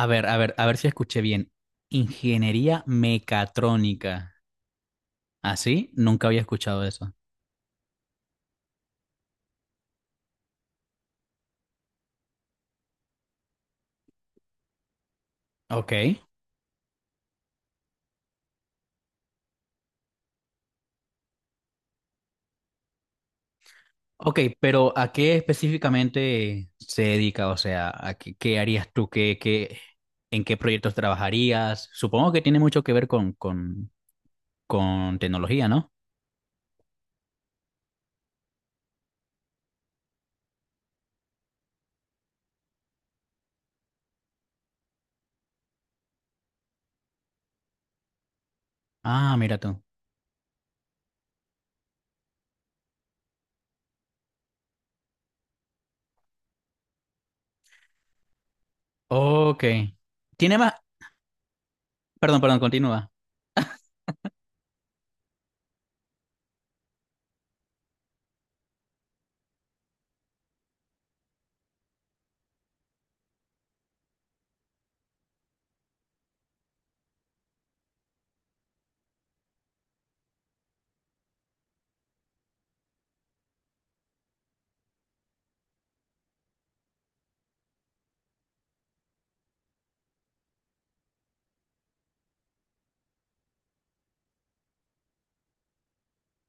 A ver, a ver, a ver si escuché bien. Ingeniería mecatrónica. ¿Así? Nunca había escuchado eso. Ok. Ok, pero ¿a qué específicamente se dedica? O sea, ¿qué harías tú? ¿En qué proyectos trabajarías? Supongo que tiene mucho que ver con, con tecnología, ¿no? Ah, mira tú. Ok. Tiene más... Perdón, perdón, continúa.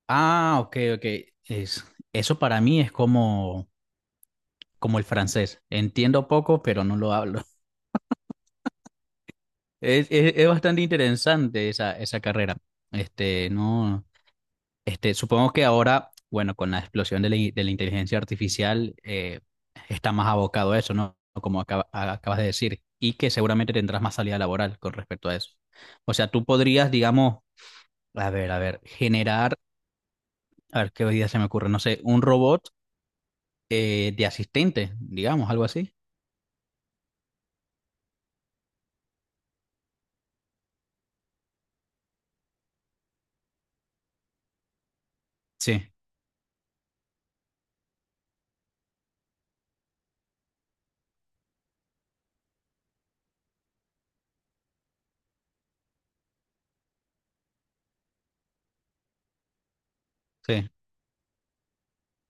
Ah, ok, ok. Es, eso para mí es como el francés. Entiendo poco, pero no lo hablo. Es bastante interesante esa carrera. No, supongo que ahora, bueno, con la explosión de la inteligencia artificial, está más abocado a eso, ¿no? Como acabas de decir, y que seguramente tendrás más salida laboral con respecto a eso. O sea, tú podrías, digamos, a ver, generar, a ver qué idea se me ocurre, no sé, un robot de asistente, digamos, algo así. Sí, sí.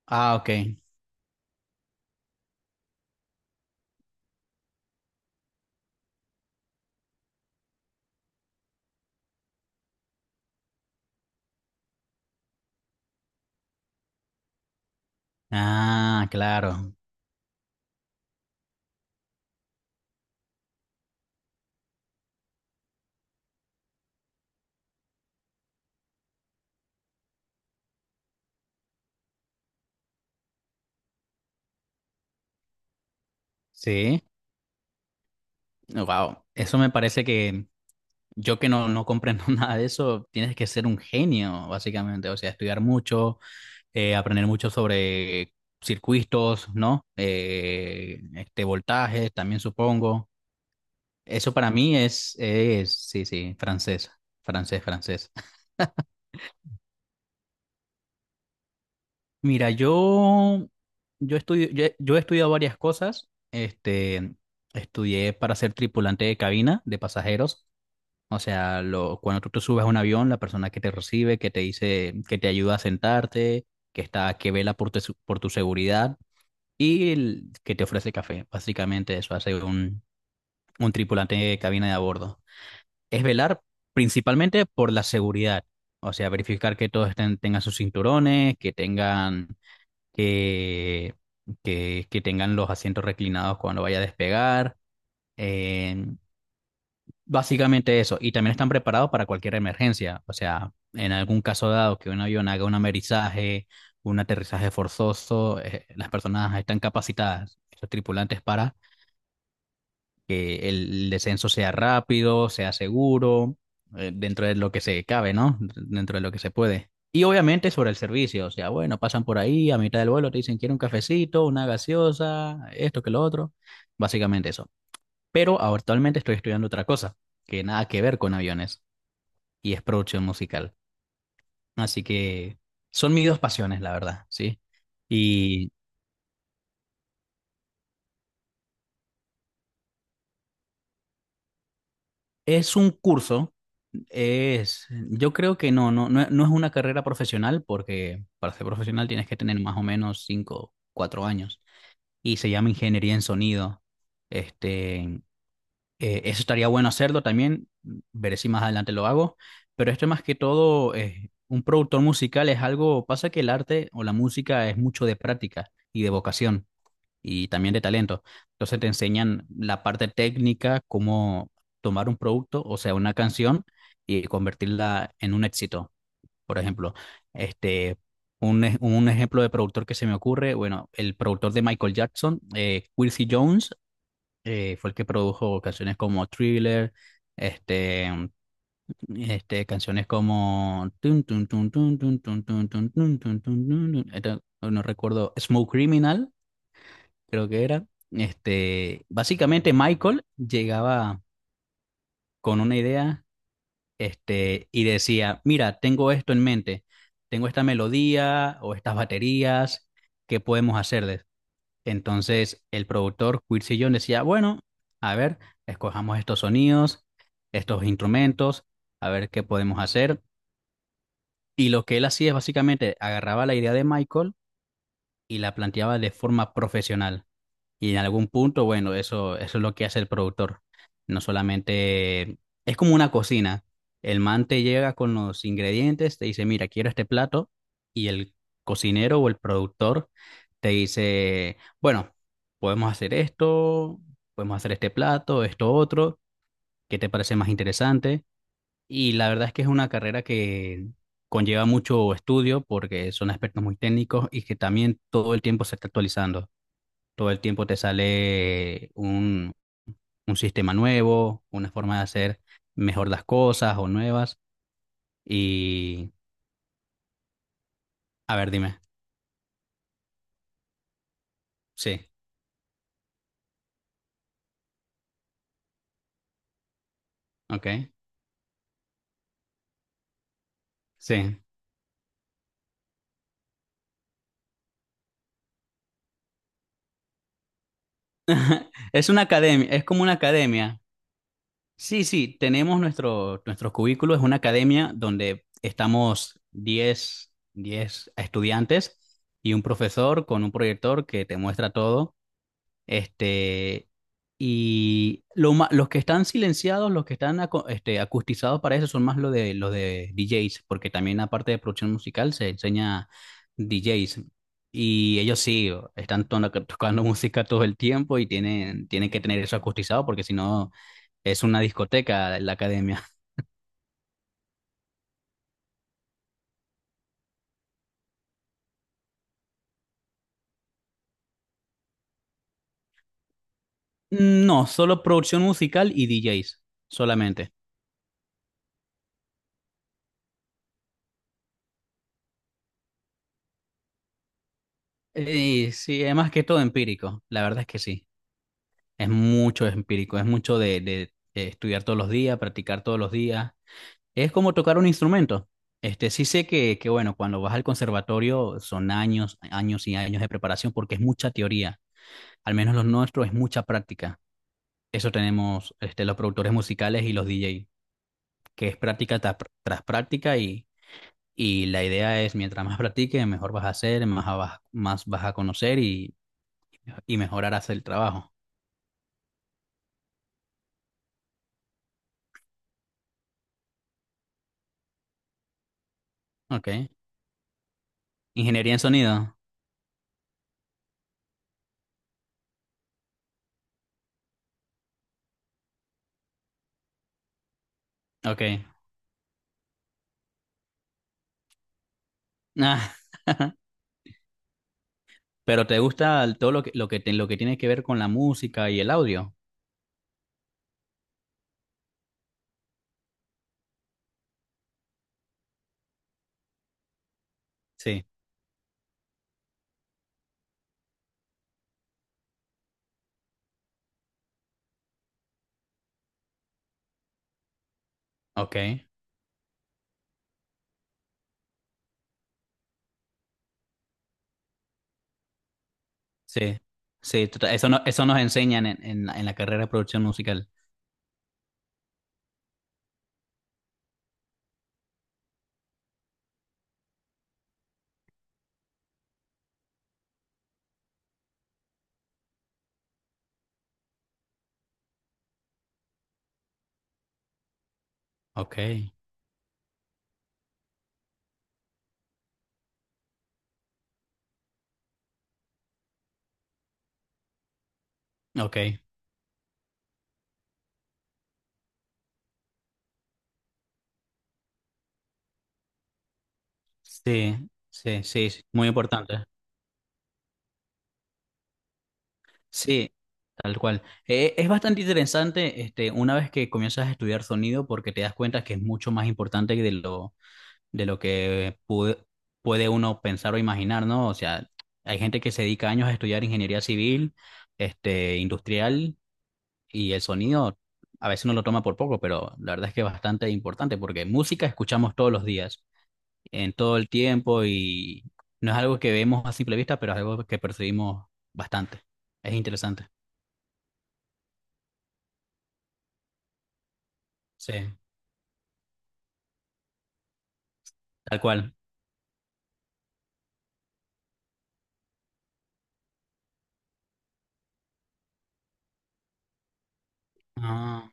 Ah, ok. Ah, claro. Sí. Wow, eso me parece que yo que no comprendo nada de eso, tienes que ser un genio, básicamente. O sea, estudiar mucho, aprender mucho sobre circuitos, ¿no? Voltajes, también supongo. Eso para mí es, sí, sí, francés, francés, francés. Mira, yo he estudiado varias cosas. Estudié para ser tripulante de cabina de pasajeros. O sea, cuando tú te subes a un avión, la persona que te recibe, que te dice, que te ayuda a sentarte, que está, que vela por tu seguridad, y el que te ofrece café. Básicamente eso hace un tripulante de cabina de a bordo. Es velar principalmente por la seguridad. O sea, verificar que todos estén, tengan sus cinturones, que, que tengan los asientos reclinados cuando vaya a despegar. eh, Básicamente eso, y también están preparados para cualquier emergencia. O sea, en algún caso dado que un avión haga un amerizaje, un aterrizaje forzoso, las personas están capacitadas, los tripulantes, para que el descenso sea rápido, sea seguro, dentro de lo que se cabe, ¿no? Dentro de lo que se puede. Y obviamente sobre el servicio. O sea, bueno, pasan por ahí a mitad del vuelo, te dicen, quiero un cafecito, una gaseosa, esto que lo otro, básicamente eso. Pero actualmente estoy estudiando otra cosa, que nada que ver con aviones, y es producción musical. Así que son mis dos pasiones, la verdad, ¿sí? Y es un curso. Es, yo creo que no es una carrera profesional, porque para ser profesional tienes que tener más o menos 5 4 años, y se llama ingeniería en sonido. Este, eso estaría bueno hacerlo también. Veré si más adelante lo hago, pero esto más que todo, un productor musical es algo, pasa que el arte o la música es mucho de práctica y de vocación, y también de talento. Entonces te enseñan la parte técnica, cómo tomar un producto, o sea, una canción, y convertirla en un éxito. Por ejemplo, este, un ejemplo de productor que se me ocurre, bueno, el productor de Michael Jackson, Quincy Jones, fue el que produjo canciones como Thriller, este... canciones como tun, tun, tun, tun, tun, tun, tun, tun, tun, tun, tun, tun, tun, tun, no recuerdo, Smoke Criminal, creo que era. Básicamente Michael llegaba con una idea, y decía, mira, tengo esto en mente, tengo esta melodía o estas baterías, ¿qué podemos hacerles? Entonces el productor Quincy Jones decía, bueno, a ver, escojamos estos sonidos, estos instrumentos, a ver qué podemos hacer. Y lo que él hacía es básicamente agarraba la idea de Michael y la planteaba de forma profesional. Y en algún punto, bueno, eso es lo que hace el productor. No solamente es como una cocina. El man te llega con los ingredientes, te dice, mira, quiero este plato, y el cocinero o el productor te dice, bueno, podemos hacer esto, podemos hacer este plato, esto otro. ¿Qué te parece más interesante? Y la verdad es que es una carrera que conlleva mucho estudio, porque son aspectos muy técnicos y que también todo el tiempo se está actualizando. Todo el tiempo te sale un sistema nuevo, una forma de hacer mejor las cosas o nuevas. Y, a ver, dime. Sí, ok. Sí. Es una academia, es como una academia. Sí, sí, tenemos nuestro cubículo. Es una academia donde estamos diez estudiantes y un profesor con un proyector que te muestra todo. Este, y los que están silenciados, los que están acustizados para eso son más los de DJs, porque también aparte de producción musical se enseña DJs. Y ellos sí, están tocando música todo el tiempo, y tienen que tener eso acustizado porque si no es una discoteca la academia. Mm, no, solo producción musical y DJs, solamente. Y sí, es más que todo empírico. La verdad es que sí. Es mucho empírico, es mucho de, estudiar todos los días, practicar todos los días. Es como tocar un instrumento. Sí sé que, bueno, cuando vas al conservatorio son años, años y años de preparación porque es mucha teoría. Al menos los nuestros es mucha práctica. Eso tenemos este, los productores musicales y los DJ, que es práctica tras, tras práctica, y la idea es, mientras más practiques, mejor vas a hacer, más vas a conocer, y mejorarás el trabajo. Ok. Ingeniería en sonido. Ok. Pero te gusta todo lo que, lo que, lo que tiene que ver con la música y el audio. Sí, ok, sí, sí, eso, no, eso nos enseñan en la carrera de producción musical. Ok, ok, sí, sí, sí, sí, muy importante. Sí, tal cual. Es bastante interesante este, una vez que comienzas a estudiar sonido, porque te das cuenta que es mucho más importante de lo que puede uno pensar o imaginar, ¿no? O sea, hay gente que se dedica años a estudiar ingeniería civil, este, industrial, y el sonido a veces uno lo toma por poco, pero la verdad es que es bastante importante porque música escuchamos todos los días, en todo el tiempo, y no es algo que vemos a simple vista, pero es algo que percibimos bastante. Es interesante. Sí, tal cual. Ah,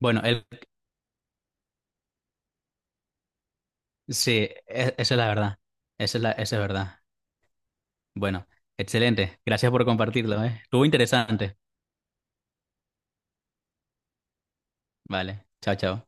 bueno, sí, esa es la verdad. Esa es la, esa es verdad. Bueno, excelente. Gracias por compartirlo, ¿eh? Estuvo interesante. Vale, chao, chao.